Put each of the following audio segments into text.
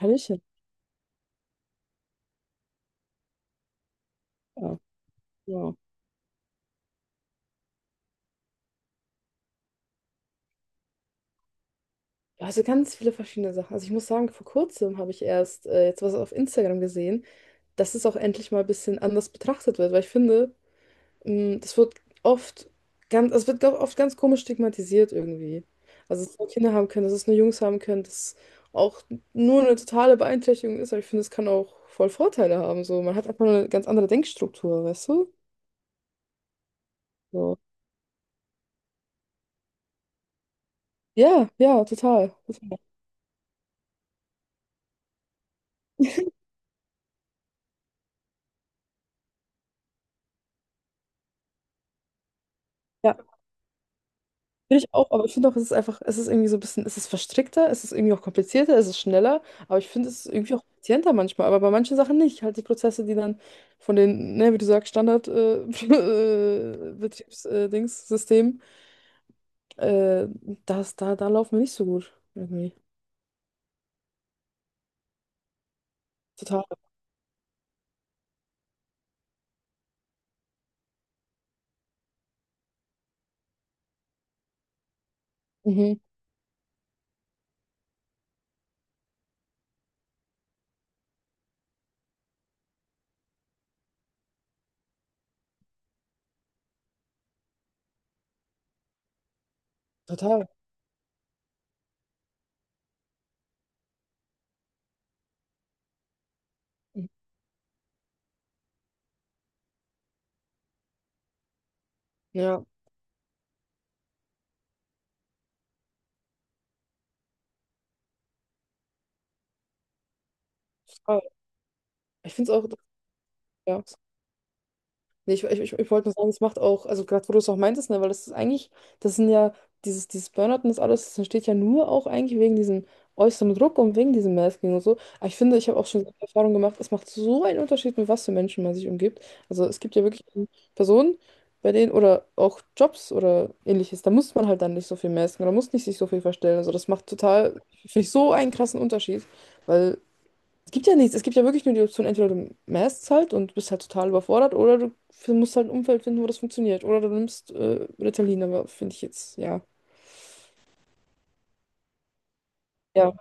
Hallöchen. Ja, wow. Ja, Also ganz viele verschiedene Sachen. Also ich muss sagen, vor kurzem habe ich erst jetzt was auf Instagram gesehen, dass es auch endlich mal ein bisschen anders betrachtet wird, weil ich finde, das wird oft ganz, also es wird oft ganz komisch stigmatisiert irgendwie. Also dass es nur Kinder haben können, dass es nur Jungs haben können, dass es auch nur eine totale Beeinträchtigung ist, aber ich finde, es kann auch voll Vorteile haben. So, man hat einfach eine ganz andere Denkstruktur, weißt du? So. Ja, ja, total, total. Ja. Finde ich auch, aber ich finde auch, es ist einfach, es ist irgendwie so ein bisschen, es ist verstrickter, es ist irgendwie auch komplizierter, es ist schneller, aber ich finde, es ist irgendwie auch effizienter manchmal, aber bei manchen Sachen nicht. Halt die Prozesse, die dann von den, ne, wie du sagst, Standard Betriebs, Dings, System, äh, das, da, da laufen wir nicht so gut. Irgendwie. Total. Mhm. Total. Mhm. Ja, total. Ich finde es auch, ja. Nee, ich wollte nur sagen, es macht auch, also gerade wo du es auch meintest, ne, weil das ist eigentlich, das sind ja, dieses Burnout und das alles, das entsteht ja nur auch eigentlich wegen diesem äußeren Druck und wegen diesem Masking und so. Aber ich finde, ich habe auch schon die Erfahrung gemacht, es macht so einen Unterschied, mit was für Menschen man sich umgibt. Also es gibt ja wirklich Personen, bei denen, oder auch Jobs oder ähnliches, da muss man halt dann nicht so viel masken oder muss nicht sich so viel verstellen. Also das macht total, finde ich, so einen krassen Unterschied, weil es gibt ja nichts, es gibt ja wirklich nur die Option, entweder du mästst halt und bist halt total überfordert oder du musst halt ein Umfeld finden, wo das funktioniert. Oder du nimmst Ritalin, aber finde ich jetzt, ja. Ja,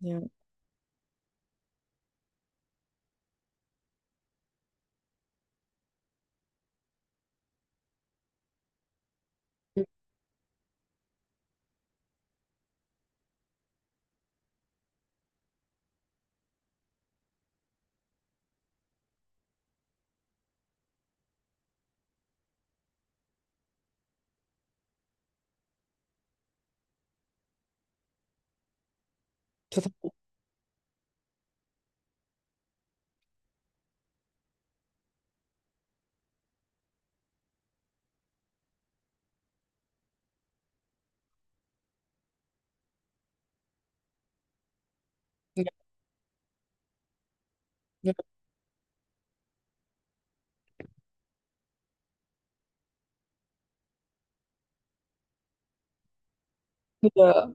ja. Total. Ja, ja. Ja.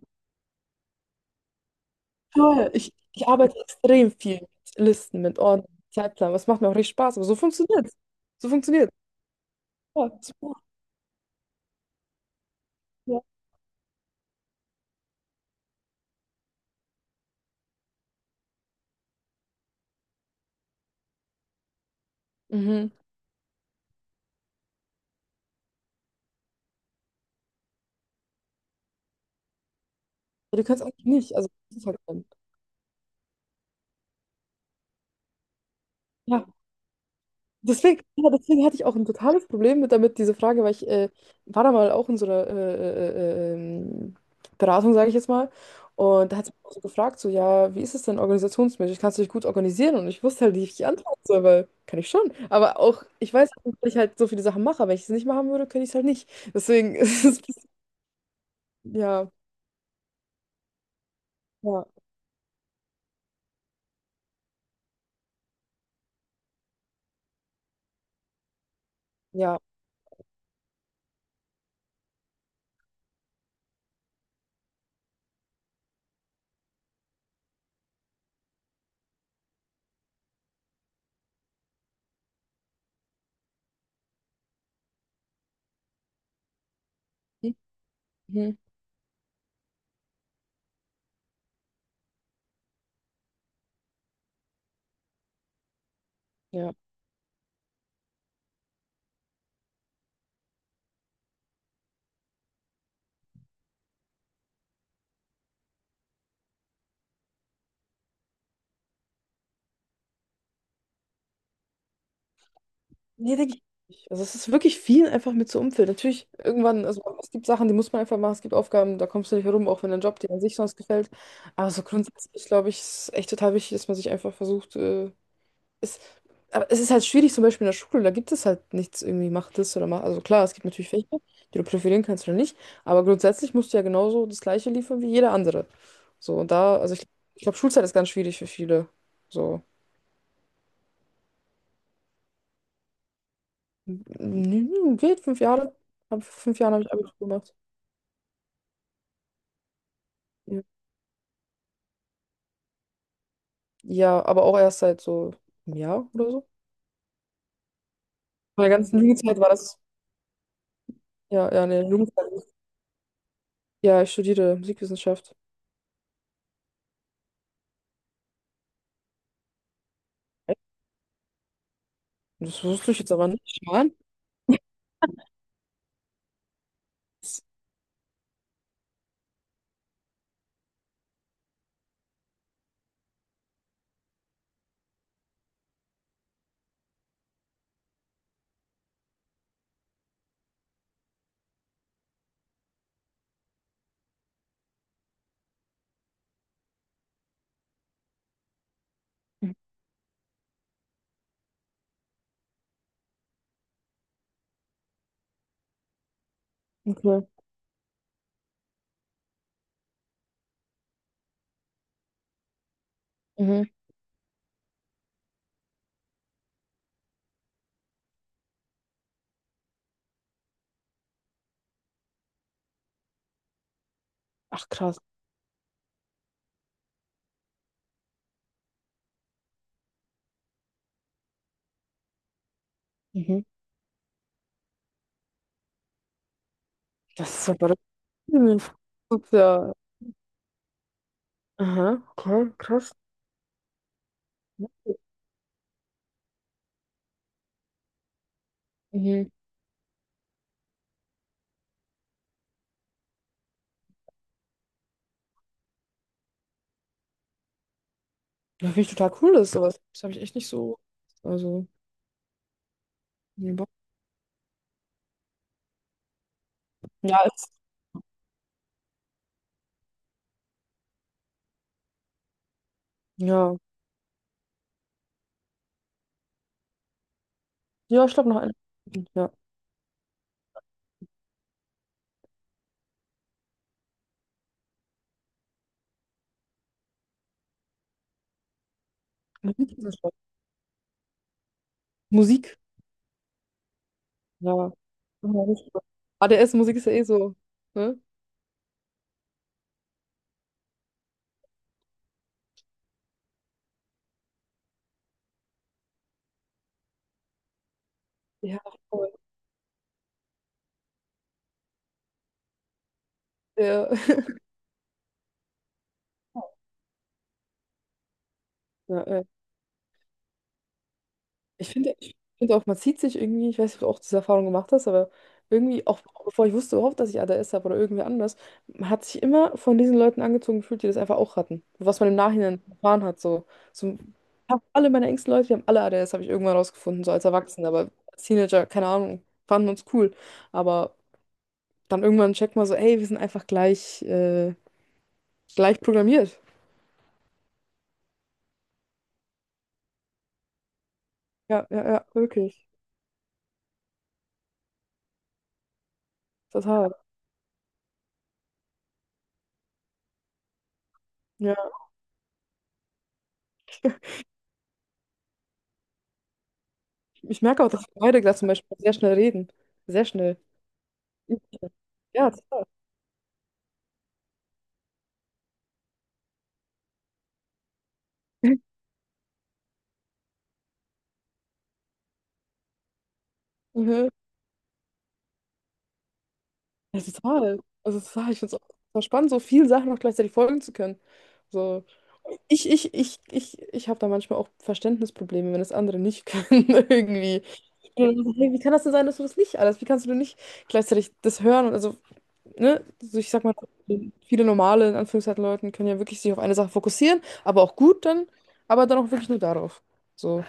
Toll. Ich arbeite extrem viel mit Listen, mit Ordnung, Zeitplan. Das macht mir auch richtig Spaß, aber so funktioniert es. So funktioniert es. Ja, super. Ja. Mhm. Ja, du kannst eigentlich nicht, also das ist halt dann. Ja, deswegen, ja, deswegen hatte ich auch ein totales Problem mit damit, diese Frage, weil ich war da mal auch in so einer Beratung, sage ich jetzt mal. Und da hat sie mich auch so gefragt, so, ja, wie ist es denn organisationsmäßig? Kannst du dich gut organisieren? Und ich wusste halt nicht, wie ich antworten soll, weil kann ich schon. Aber auch, ich weiß, dass ich halt so viele Sachen mache, aber wenn ich es nicht machen würde, könnte ich es halt nicht. Deswegen ist es, ja, ja, ja. Mhm, mhm. Ja. Nee, denke ich nicht. Also es ist wirklich viel einfach mit so Umfeld. Natürlich, irgendwann, also es gibt Sachen, die muss man einfach machen, es gibt Aufgaben, da kommst du nicht herum, auch wenn dein Job dir an sich sonst gefällt. Aber so grundsätzlich, glaube ich, ist echt total wichtig, dass man sich einfach versucht, es, aber es ist halt schwierig, zum Beispiel in der Schule, da gibt es halt nichts irgendwie, mach das oder mach. Also klar, es gibt natürlich Fächer, die du profilieren kannst oder nicht, aber grundsätzlich musst du ja genauso das Gleiche liefern wie jeder andere. So, und da, ich glaube, Schulzeit ist ganz schwierig für viele. So. Nö, geht, fünf Jahre. Hab, fünf Jahren habe ich Abitur gemacht. Ja. Ja, aber auch erst seit so einem Jahr oder so. In der ganzen Jugendzeit war das. Ja, ja, nee, Jugendzeit. Ja, ich studiere Musikwissenschaft. Echt? Das wusste ich jetzt aber nicht. Mann. Okay. Mhm. Ach, krass. Mhm. Das ist ja verrückt. Mhm. Das ist ja. Aha, okay, krass. Mhm. Ja, finde ich total cool, das ist sowas. Das habe ich echt nicht so. Also, nee, Bock. Ja, ist, ja. Ja, ich glaube noch ein. Ja. Musik. Ja. Ja, nicht so. ADS-Musik ist ja eh so. Ne? Ja, voll. Ja. Ja, ich finde auch, man zieht sich irgendwie, ich weiß nicht, ob du auch diese Erfahrung gemacht hast, aber irgendwie, auch bevor ich wusste überhaupt, dass ich ADS habe oder irgendwer anders, man hat sich immer von diesen Leuten angezogen gefühlt, die das einfach auch hatten. Was man im Nachhinein erfahren hat. So. So, fast alle meine engsten Leute, die haben alle ADS, habe ich irgendwann rausgefunden, so als Erwachsener, aber als Teenager, keine Ahnung, fanden uns cool. Aber dann irgendwann checkt man so, ey, wir sind einfach gleich. Gleich programmiert. Ja, ja, ja, wirklich. Total. Ja. Ich merke auch, dass wir beide gerade zum Beispiel sehr schnell reden. Sehr schnell. Ja, total. Mhm. Ja, total. Also total. Ich finde es auch total spannend, so vielen Sachen auch gleichzeitig folgen zu können. So. Ich habe da manchmal auch Verständnisprobleme, wenn das andere nicht können, irgendwie. Und dann so, hey, wie kann das denn sein, dass du das nicht alles? Wie kannst du denn nicht gleichzeitig das hören? Und also ne, also ich sag mal, viele normale, in Anführungszeichen, Leuten können ja wirklich sich auf eine Sache fokussieren, aber auch gut dann, aber dann auch wirklich nur darauf. So,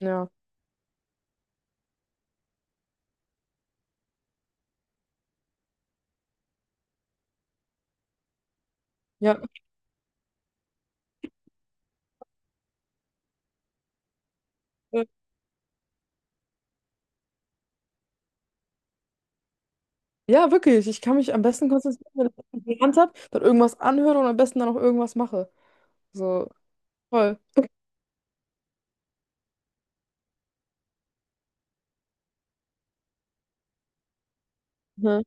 ja. Ja, äh, ja, wirklich. Ich kann mich am besten konzentrieren, wenn ich etwas in habe, dann irgendwas anhöre und am besten dann auch irgendwas mache. So, toll. Mhm.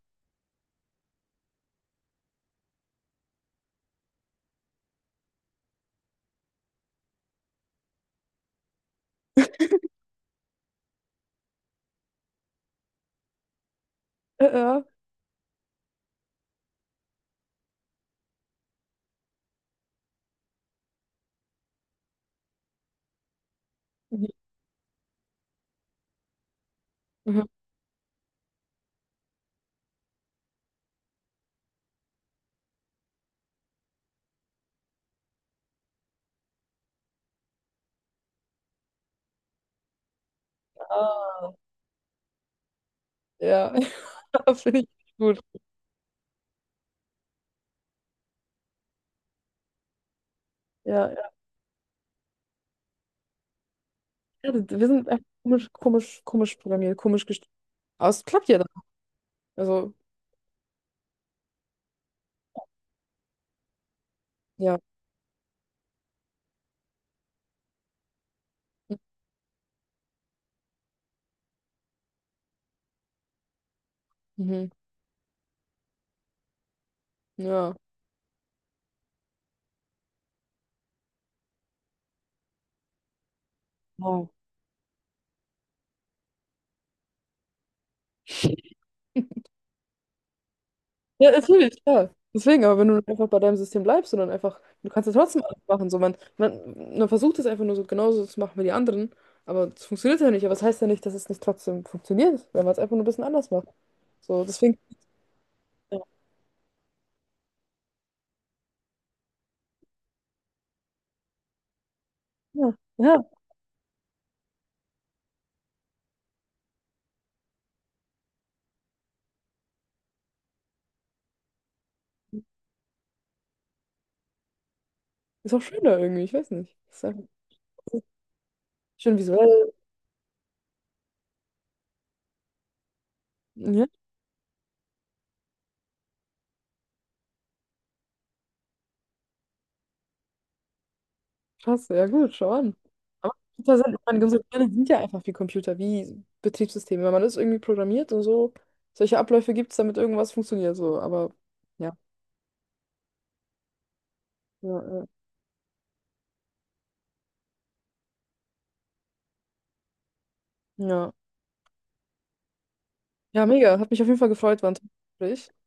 Ja. Mhm. Mhm. Ah, ja, ja, finde ich gut. Ja, ja. Ja, das- wir sind einfach komisch, komisch, komisch programmiert, komisch gestrickt. Aber es klappt ja dann. Also, ja. Mhm. Ja. Ja, natürlich, ja. Deswegen, aber wenn du einfach bei deinem System bleibst und dann einfach, du kannst ja trotzdem alles machen. So, man versucht es einfach nur so genauso zu machen wie die anderen, aber es funktioniert ja nicht. Aber es das heißt ja nicht, dass es nicht trotzdem funktioniert, wenn man es einfach nur ein bisschen anders macht. So, deswegen, ja, ja, ja, ist auch schöner irgendwie, ich weiß nicht. Ist einfach schön visuell. Ja, krass, ja gut, schau an. Aber Computer sind, ich meine, Computer sind ja einfach wie Computer, wie Betriebssysteme. Wenn man das irgendwie programmiert und so, solche Abläufe gibt es, damit irgendwas funktioniert. So, aber ja, ja, ja. Ja. Ja, mega. Hat mich auf jeden Fall gefreut, war ein tolles Gespräch.